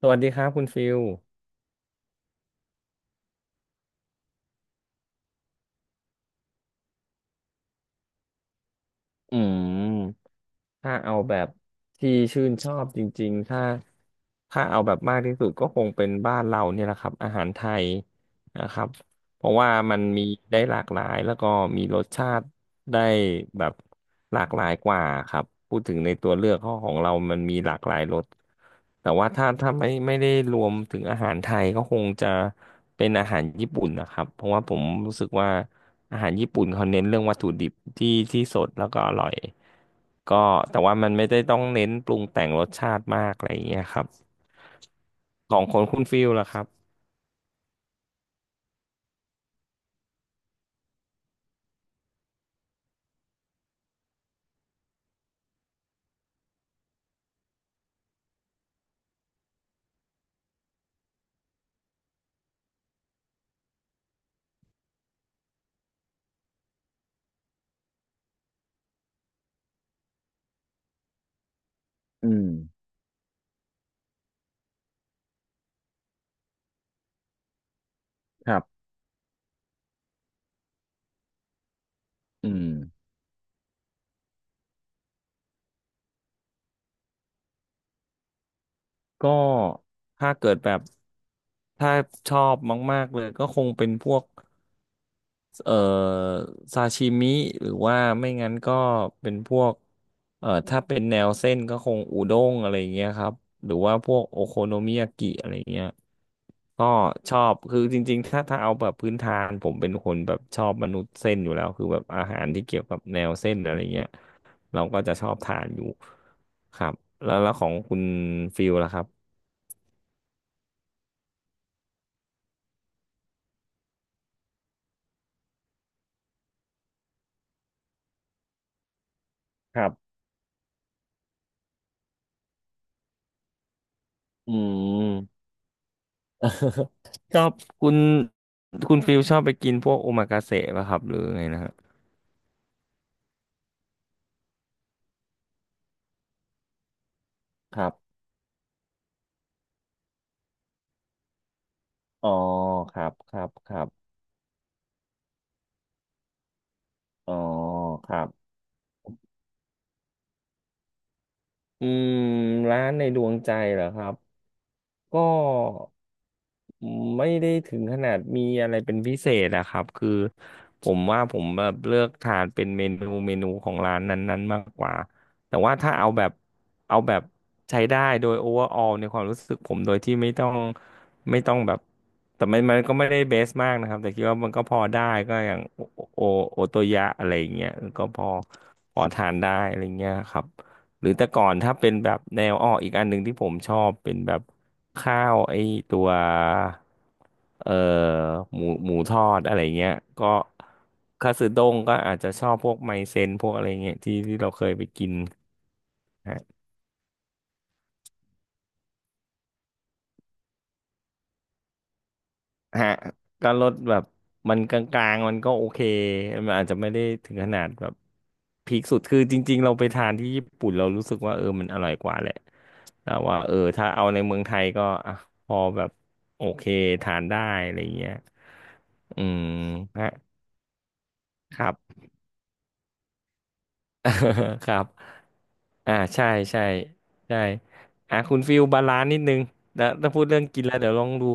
สวัสดีครับคุณฟิลอืมถ้าเอาแบบที่ชื่นชอบจริงๆถ้าเอาแบบมากที่สุดก็คงเป็นบ้านเราเนี่ยแหละครับอาหารไทยนะครับเพราะว่ามันมีได้หลากหลายแล้วก็มีรสชาติ ได้แบบหลากหลายกว่าครับพูดถึงในตัวเลือกข้อของเรามันมีหลากหลายรสแต่ว่าถ้าไม่ได้รวมถึงอาหารไทยก็คงจะเป็นอาหารญี่ปุ่นนะครับเพราะว่าผมรู้สึกว่าอาหารญี่ปุ่นเขาเน้นเรื่องวัตถุดิบที่ที่สดแล้วก็อร่อยก็แต่ว่ามันไม่ได้ต้องเน้นปรุงแต่งรสชาติมากอะไรอย่างเงี้ยครับของคนคุณฟิลล่ะครับอืมครับอืม ก็ถ้าเกิดแบบถ้าชอบมากๆเลยก็คงเป็นพวกเอ่อซาชิมิหรือว่าไม่งั้นก็เป็นพวกถ้าเป็นแนวเส้นก็คงอุด้งอะไรอย่างเงี้ยครับหรือว่าพวกโอโคโนมิยากิอะไรอย่างเงี้ยก็ชอบคือจริงๆถ้าเอาแบบพื้นฐานผมเป็นคนแบบชอบมนุษย์เส้นอยู่แล้วคือแบบอาหารที่เกี่ยวกับแนวเส้นอะไรเงี้ยเราก็จะชอบทานอยู่ครับแล้วของคุณฟิลล่ะครับครับ อืม ชอบคุณคุณฟิลชอบไปกินพวกโอมากาเสะป่ะครับหรือไงนะฮะครับอ๋อครับครับครับอ๋อครับอืมร้านในดวงใจเหรอครับ ก็ไม่ได้ถึงขนาดมีอะไรเป็นพิเศษอะครับคือผมว่าผมแบบเลือกทานเป็นเมนูเมนูของร้านนั้นๆมากกว่าแต่ว่าถ้าเอาแบบเอาแบบใช้ได้โดยโอเวอร์ออลในความรู้สึกผมโดยที่ไม่ต้องแบบแต่มันก็ไม่ได้เบสมากนะครับแต่คิดว่ามันก็พอได้ก็อย่างโอโตยะอะไรอย่างเงี้ยก็พอทานได้อะไรเงี้ยครับ หรือแต่ก่อนถ้าเป็นแบบแนวอ้ออีกอันหนึ่งที่ผมชอบเป็นแบบข้าวไอ้ตัวเอ่อหมูทอดอะไรเงี้ยก็คาสึด้งก็อาจจะชอบพวกไมเซนพวกอะไรเงี้ยที่ที่เราเคยไปกิน ฮะก็ลดแบบมันกลางๆมันก็โอเคมันอาจจะไม่ได้ถึงขนาดแบบพีคสุดคือจริงๆเราไปทานที่ญี่ปุ่นเรารู้สึกว่าเออมันอร่อยกว่าแหละแต่ว่าเออถ้าเอาในเมืองไทยก็อ่ะพอแบบโอเคทานได้อะไรเงี้ยอืมฮะครับ ครับ อ่าใช่ใช่ใช่อ่ะคุณฟิลบาลานซ์นิดนึงแล้วถ้าพูดเรื่องกินแล้วเดี๋ยวลองดู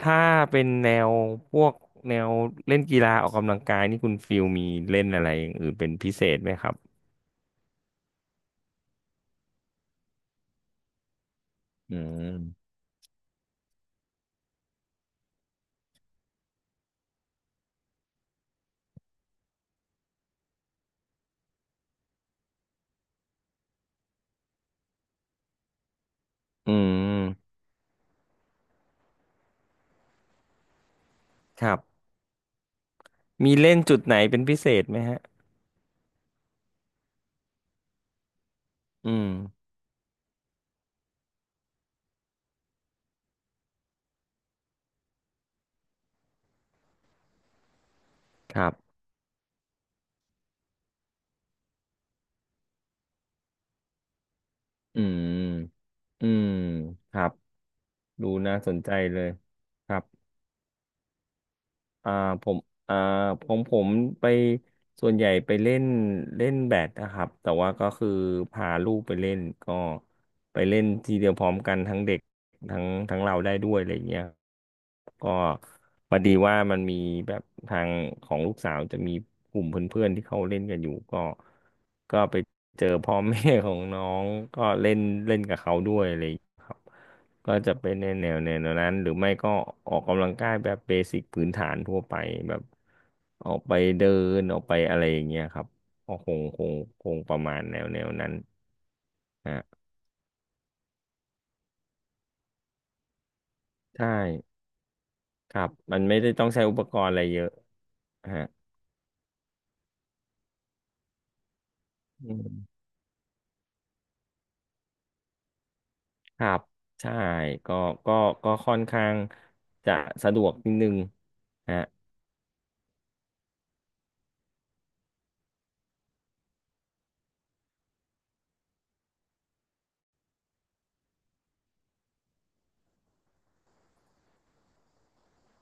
ถ้าเป็นแนวพวกแนวเล่นกีฬาออกกำลังกายนี่คุณฟิลมีเล่นอะไรอย่างอื่นเป็นพิเศษไหมครับอืมอืมครับมีเล่นจุดไหนเป็นพิเศษไหมฮะอืมครับอืมอืมครับดูน่าสนใจเลยครับ อ่าผมอ่าผมไปส่วนใหญ่ไปเล่นเล่นแบดนะครับแต่ว่าก็คือพาลูกไปเล่นก็ไปเล่นทีเดียวพร้อมกันทั้งเด็กทั้งทั้งเราได้ด้วยอะไรเงี้ยก็พอดีว่ามันมีแบบทางของลูกสาวจะมีกลุ่มเพื่อนๆที่เขาเล่นกันอยู่ก็ก็ไปเจอพ่อแม่ของน้องก็เล่นเล่นกับเขาด้วยอะไรอย่างเงี้ยครับ ก็จะเป็นในแนวแนวนั้นหรือไม่ก็ออกกำลังกายแบบเบสิกพื้นฐานทั่วไปแบบออกไปเดินออกไปอะไรอย่างเงี้ยครับก็คงประมาณแนวแนวนั้นฮะใช่ครับมันไม่ได้ต้องใช้อุปกรณ์อะไรเยอะฮะอืมครับใช่ก็ก็ก็ค่อนข้างจะสะดวกนิดนึงฮะ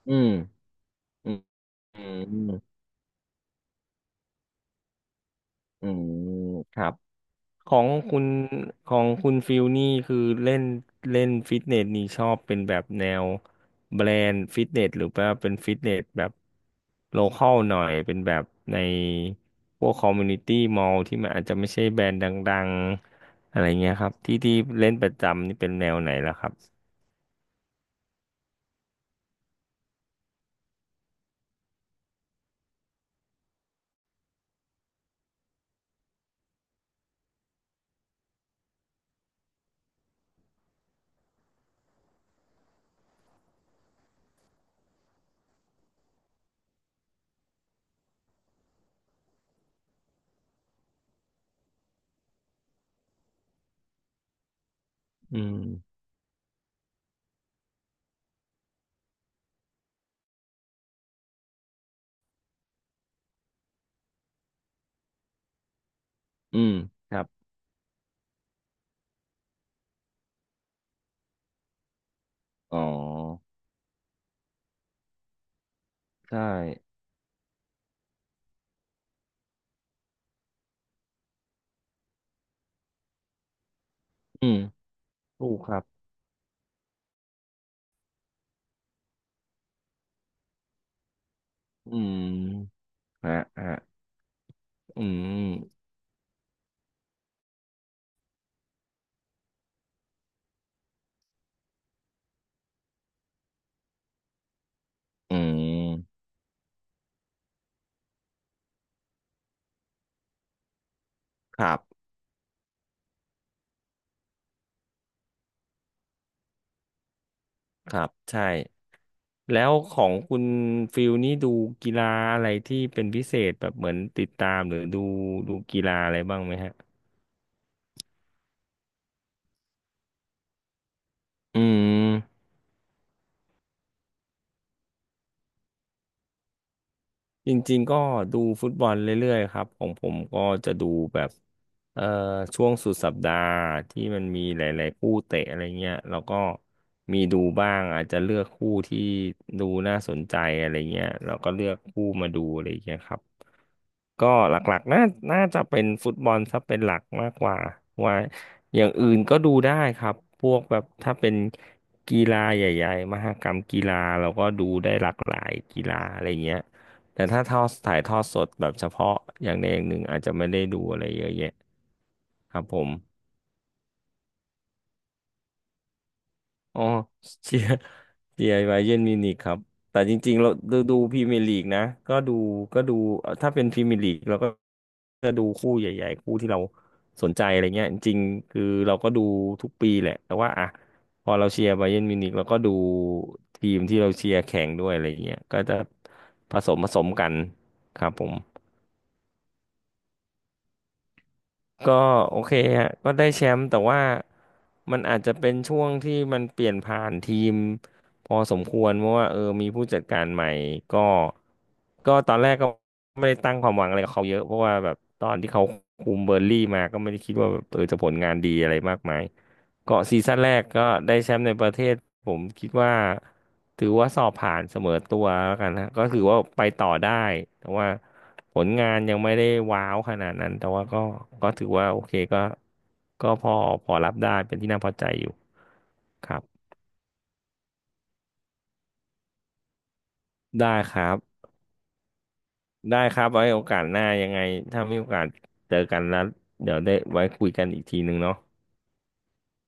อืมอืมอืมอืมครับ ของคุณของคุณฟิลนี่คือเล่นเล่นฟิตเนสนี่ชอบเป็นแบบแนวแบรนด์ฟิตเนสหรือว่าเป็นฟิตเนสแบบโลคอลหน่อยเป็นแบบในพวกคอมมูนิตี้มอลที่มันอาจจะไม่ใช่แบรนด์ดังๆอะไรเงี้ยครับที่ที่เล่นประจำนี่เป็นแนวไหนล่ะครับอืมอืมครับอ๋อใช่อืมถูกครับอืมฮะฮะอืมอืมครับครับใช่ แล้วของคุณฟิลนี่ดูกีฬาอะไรที่เป็นพิเศษแบบเหมือนติดตามหรือดูดูกีฬาอะไรบ้างไหมฮะอืมจริงๆก็ดูฟุตบอลเรื่อยๆครับของผมก็จะดูแบบเอ่อช่วงสุดสัปดาห์ที่มันมีหลายๆคู่เตะอะไรเงี้ยแล้วก็มีดูบ้างอาจจะเลือกคู่ที่ดูน่าสนใจอะไรเงี้ยแล้วก็เลือกคู่มาดูอะไรเงี้ยครับ ก็หลักๆน่าจะเป็นฟุตบอลซะเป็นหลักมากกว่าว่าอย่างอื่นก็ดูได้ครับพวกแบบถ้าเป็นกีฬาใหญ่ๆมหกรรมกีฬาเราก็ดูได้หลากหลายกีฬาอะไรเงี้ยแต่ถ้าทอดถ่ายทอดสดแบบเฉพาะอย่างใดอย่างหนึ่งอาจจะไม่ได้ดูอะไรเยอะแยะครับผม อ๋อ เชียร์เชียร์ไบเยิร์นมิวนิกครับแต่จริงๆเราดูพรีเมียร์ลีกนะก็ดูก็ดูถ้าเป็นพรีเมียร์ลีกเราก็จะดูคู่ใหญ่ๆคู่ที่เราสนใจอะไรเงี้ยจริงๆคือเราก็ดูทุกปีแหละแต่ว่าอ่ะพอเราเชียร์ไบเยิร์นมิวนิกเราก็ดูทีมที่เราเชียร์แข่งด้วยอะไรเงี้ยก็จะผสมกันครับผม ก็โอเคฮะก็ได้แชมป์แต่ว่ามันอาจจะเป็นช่วงที่มันเปลี่ยนผ่านทีมพอสมควรเพราะว่าเออมีผู้จัดการใหม่ก็ก็ตอนแรกก็ไม่ได้ตั้งความหวังอะไรกับเขาเยอะเพราะว่าแบบตอนที่เขาคุมเบอร์นลี่มาก็ไม่ได้คิดว่าแบบเออจะผลงานดีอะไรมากมาย เกาะซีซั่นแรกก็ได้แชมป์ในประเทศผมคิดว่าถือว่าสอบผ่านเสมอตัวแล้วกันนะก็คือว่าไปต่อได้แต่ว่าผลงานยังไม่ได้ว้าวขนาดนั้นแต่ว่าก็ถือว่าโอเคก็ก็พอรับได้เป็นที่น่าพอใจอยู่ครับได้ครับได้ครับไว้โอกาสหน้ายังไงถ้ามีโอกาสเจอกันแล้วเดี๋ยวได้ไว้คุยกันอีกทีหนึ่งเนาะ